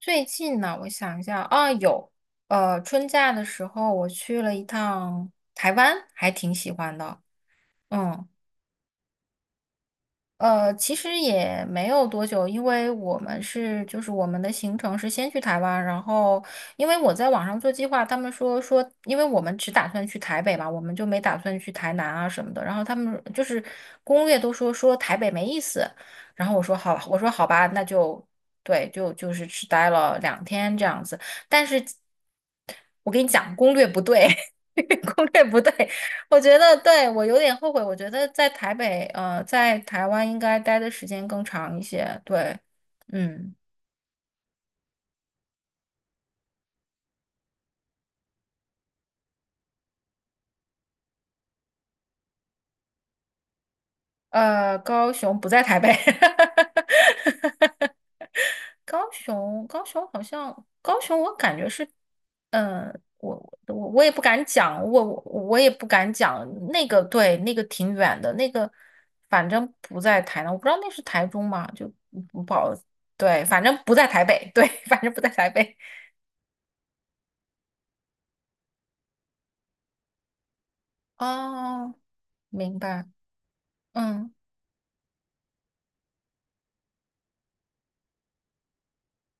最近呢，我想一下啊，有，春假的时候我去了一趟台湾，还挺喜欢的。嗯。其实也没有多久，因为我们是就是我们的行程是先去台湾，然后因为我在网上做计划，他们说，因为我们只打算去台北嘛，我们就没打算去台南啊什么的，然后他们就是攻略都说台北没意思，然后我说好，我说好吧，那就对，就是只待了两天这样子，但是我跟你讲，攻略不对。攻略不对，我觉得对我有点后悔，我觉得在台北，在台湾应该待的时间更长一些。对。嗯。高雄不在台北。高雄，高雄好像，高雄我感觉是，嗯、我我也不敢讲，我也不敢讲。那个，对，那个挺远的，那个反正不在台南，我不知道那是台中吗？就不好。对，反正不在台北。对。反正不在台北。哦，明白。嗯。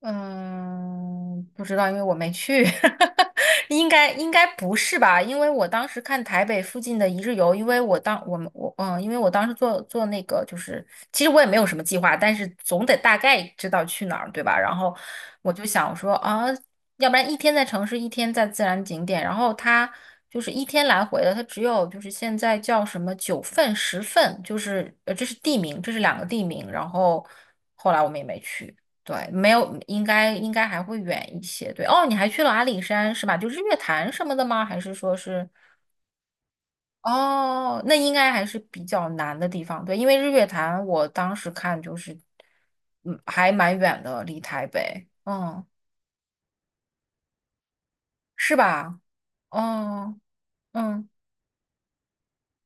嗯，不知道，因为我没去。应该不是吧？因为我当时看台北附近的一日游，因为我当时做那个，就是其实我也没有什么计划，但是总得大概知道去哪儿，对吧？然后我就想说啊，要不然一天在城市，一天在自然景点，然后它就是一天来回的，它只有就是现在叫什么九份、十份，就是这是地名，这是两个地名，然后后来我们也没去。对，没有，应该还会远一些。对。哦，你还去了阿里山是吧？就日月潭什么的吗？还是说是？哦，那应该还是比较难的地方。对，因为日月潭我当时看就是，嗯，还蛮远的，离台北，嗯，是吧？哦。嗯。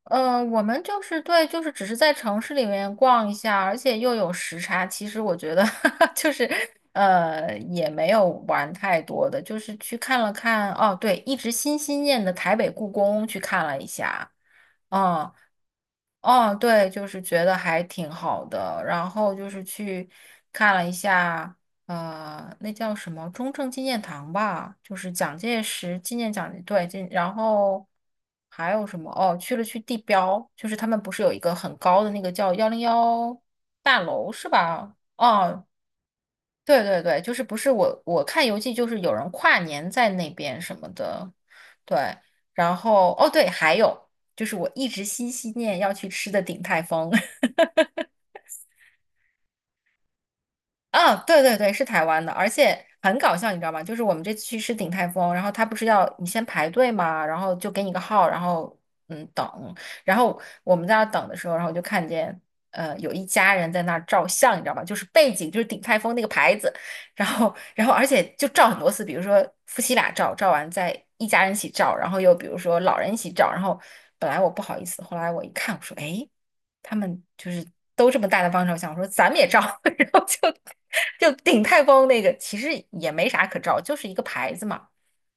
我们就是对，就是只是在城市里面逛一下，而且又有时差。其实我觉得 就是也没有玩太多的，就是去看了看。哦，对，一直心心念的台北故宫去看了一下。嗯。哦，对，就是觉得还挺好的。然后就是去看了一下，那叫什么中正纪念堂吧，就是蒋介石纪念蒋，对，纪然后还有什么？哦，去了去地标，就是他们不是有一个很高的那个叫101大楼是吧？哦，对对对，就是不是我看游记就是有人跨年在那边什么的。对，然后哦对，还有就是我一直心心念要去吃的鼎泰丰。啊，对对对，是台湾的，而且很搞笑，你知道吗？就是我们这次去吃鼎泰丰，然后他不是要你先排队嘛，然后就给你个号，然后嗯等，然后我们在那儿等的时候，然后我就看见有一家人在那儿照相，你知道吗？就是背景就是鼎泰丰那个牌子，然后而且就照很多次，比如说夫妻俩照，照完再一家人一起照，然后又比如说老人一起照，然后本来我不好意思，后来我一看，我说哎。诶他们就是都这么大的帮手，想说咱们也照。然后就鼎泰丰那个其实也没啥可照，就是一个牌子嘛。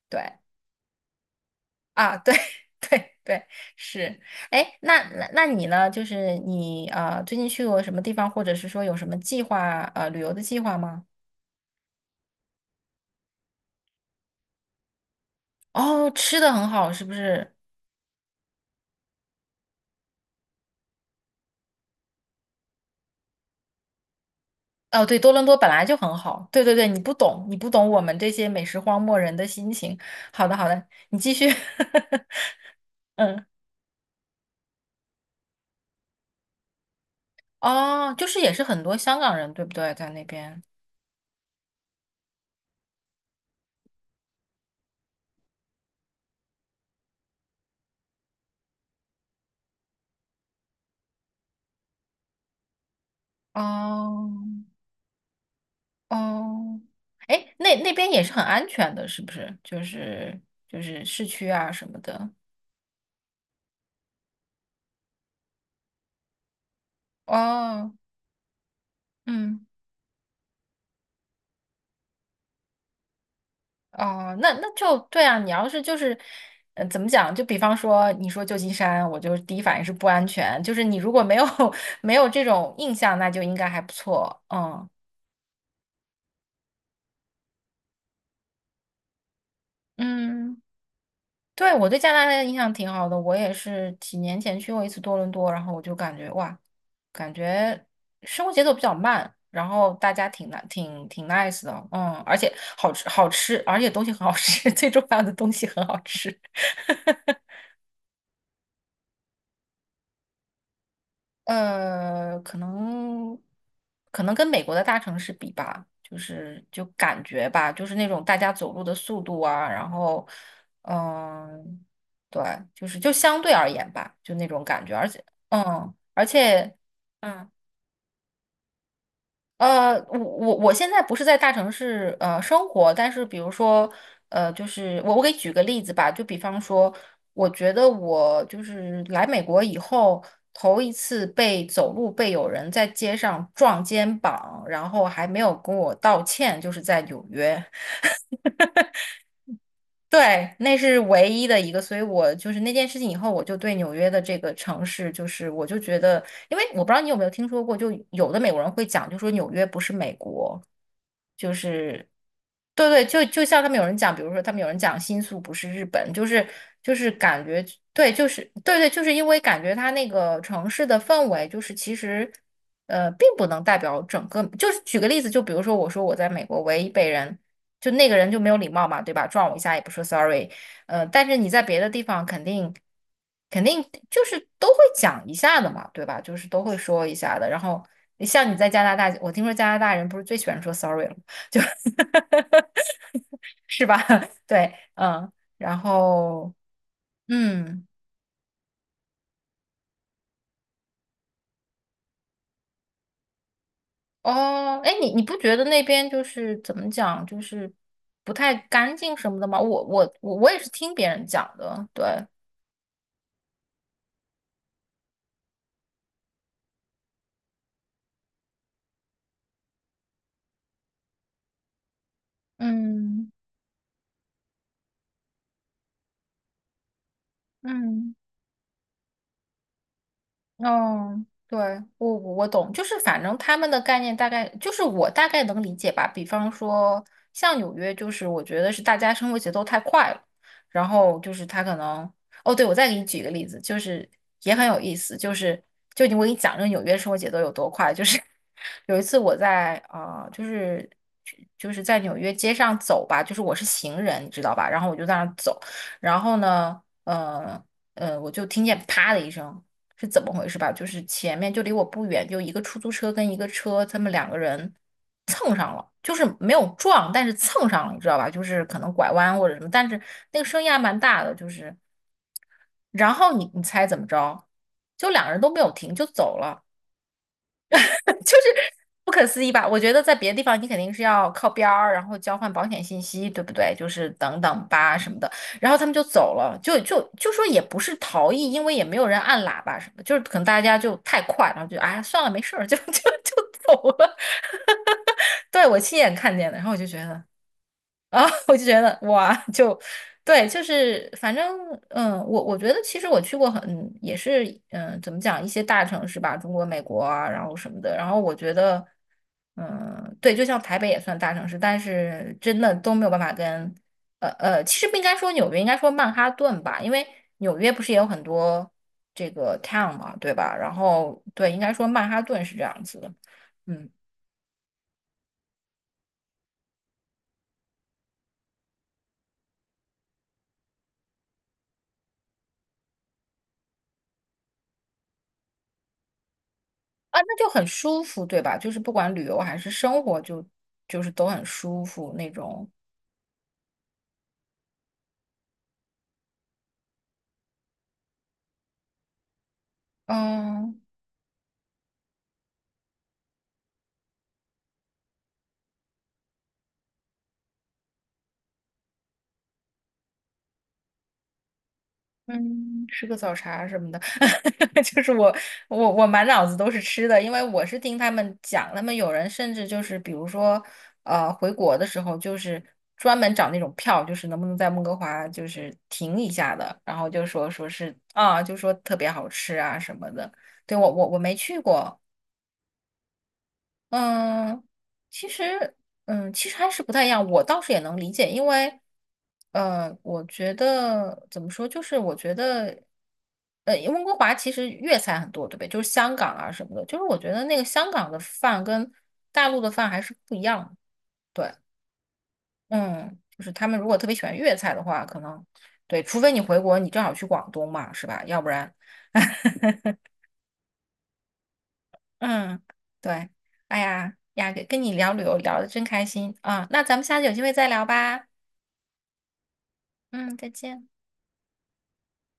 对啊，对 对对，是。哎，那那你呢？就是你啊，最近去过什么地方，或者是说有什么计划旅游的计划吗？哦，吃的很好，是不是？哦，对，多伦多本来就很好。对对对，你不懂，你不懂我们这些美食荒漠人的心情。好的好的，你继续。嗯。哦，就是也是很多香港人，对不对？在那边。哦哦。哎，那边也是很安全的，是不是？就是就是市区啊什么的。哦。嗯。哦，那就对啊。你要是就是，怎么讲？就比方说，你说旧金山，我就第一反应是不安全。就是你如果没有 没有这种印象，那就应该还不错。嗯嗯。对，我对加拿大的印象挺好的，我也是几年前去过一次多伦多，然后我就感觉哇，感觉生活节奏比较慢，然后大家挺 n 挺挺 nice 的，嗯，而且好吃好吃，而且东西很好吃。最重要的东西很好吃。呃，可能可能跟美国的大城市比吧，就是就感觉吧，就是那种大家走路的速度啊，然后嗯，对，就是就相对而言吧，就那种感觉，而且嗯，而且。嗯。我现在不是在大城市生活，但是比如说，就是我给举个例子吧，就比方说，我觉得我就是来美国以后，头一次被走路被有人在街上撞肩膀，然后还没有跟我道歉，就是在纽约。对，那是唯一的一个，所以我就是那件事情以后，我就对纽约的这个城市，就是我就觉得，因为我不知道你有没有听说过，就有的美国人会讲，就说纽约不是美国，就是，对对，就像他们有人讲，比如说他们有人讲新宿不是日本，就是感觉。对，就是对对，就是因为感觉它那个城市的氛围，就是其实并不能代表整个，就是举个例子，就比如说我说我在美国为一被人。就那个人就没有礼貌嘛，对吧？撞我一下也不说 sorry,但是你在别的地方肯定就是都会讲一下的嘛，对吧？就是都会说一下的。然后像你在加拿大，我听说加拿大人不是最喜欢说 sorry 了吗，就 是吧？对。嗯。然后嗯，哦，哎，你你不觉得那边就是怎么讲，就是不太干净什么的吗？我也是听别人讲的。对。嗯嗯。嗯，对，我懂，就是反正他们的概念大概就是我大概能理解吧。比方说，像纽约，就是我觉得是大家生活节奏太快了，然后就是他可能，哦，对，我再给你举一个例子，就是也很有意思，就是就我给你讲这个纽约生活节奏有多快，就是 有一次我在啊就是在纽约街上走吧，就是我是行人，你知道吧？然后我就在那儿走，然后呢，我就听见啪的一声。是怎么回事吧？就是前面就离我不远，就一个出租车跟一个车，他们两个人蹭上了，就是没有撞，但是蹭上了，你知道吧？就是可能拐弯或者什么，但是那个声音还蛮大的，就是，然后你猜怎么着？就两个人都没有停就走了。就是不可思议吧？我觉得在别的地方你肯定是要靠边儿，然后交换保险信息，对不对？就是等等吧什么的，然后他们就走了，就说也不是逃逸，因为也没有人按喇叭什么的就是可能大家就太快，然后就哎算了没事儿，就走了。对，我亲眼看见的，然后我就觉得啊。我就觉得哇，就对，就是反正嗯，我觉得其实我去过很也是嗯，怎么讲一些大城市吧，中国、美国啊，然后什么的，然后我觉得嗯，对，就像台北也算大城市，但是真的都没有办法跟其实不应该说纽约，应该说曼哈顿吧，因为纽约不是也有很多这个 town 嘛，对吧？然后对，应该说曼哈顿是这样子的。嗯。啊，那就很舒服，对吧？就是不管旅游还是生活就，就是都很舒服那种。嗯嗯，吃个早茶什么的。就是我满脑子都是吃的，因为我是听他们讲，他们有人甚至就是比如说，回国的时候就是专门找那种票，就是能不能在温哥华就是停一下的，然后说是啊，就说特别好吃啊什么的。对，我没去过。嗯，其实，嗯，其实还是不太一样。我倒是也能理解，因为，我觉得怎么说，就是我觉得，温哥华其实粤菜很多，对不对？就是香港啊什么的，就是我觉得那个香港的饭跟大陆的饭还是不一样的。对。嗯，就是他们如果特别喜欢粤菜的话，可能对，除非你回国，你正好去广东嘛，是吧？要不然。嗯，对，哎呀呀，跟你聊旅游聊的真开心啊，那咱们下次有机会再聊吧。嗯，再见。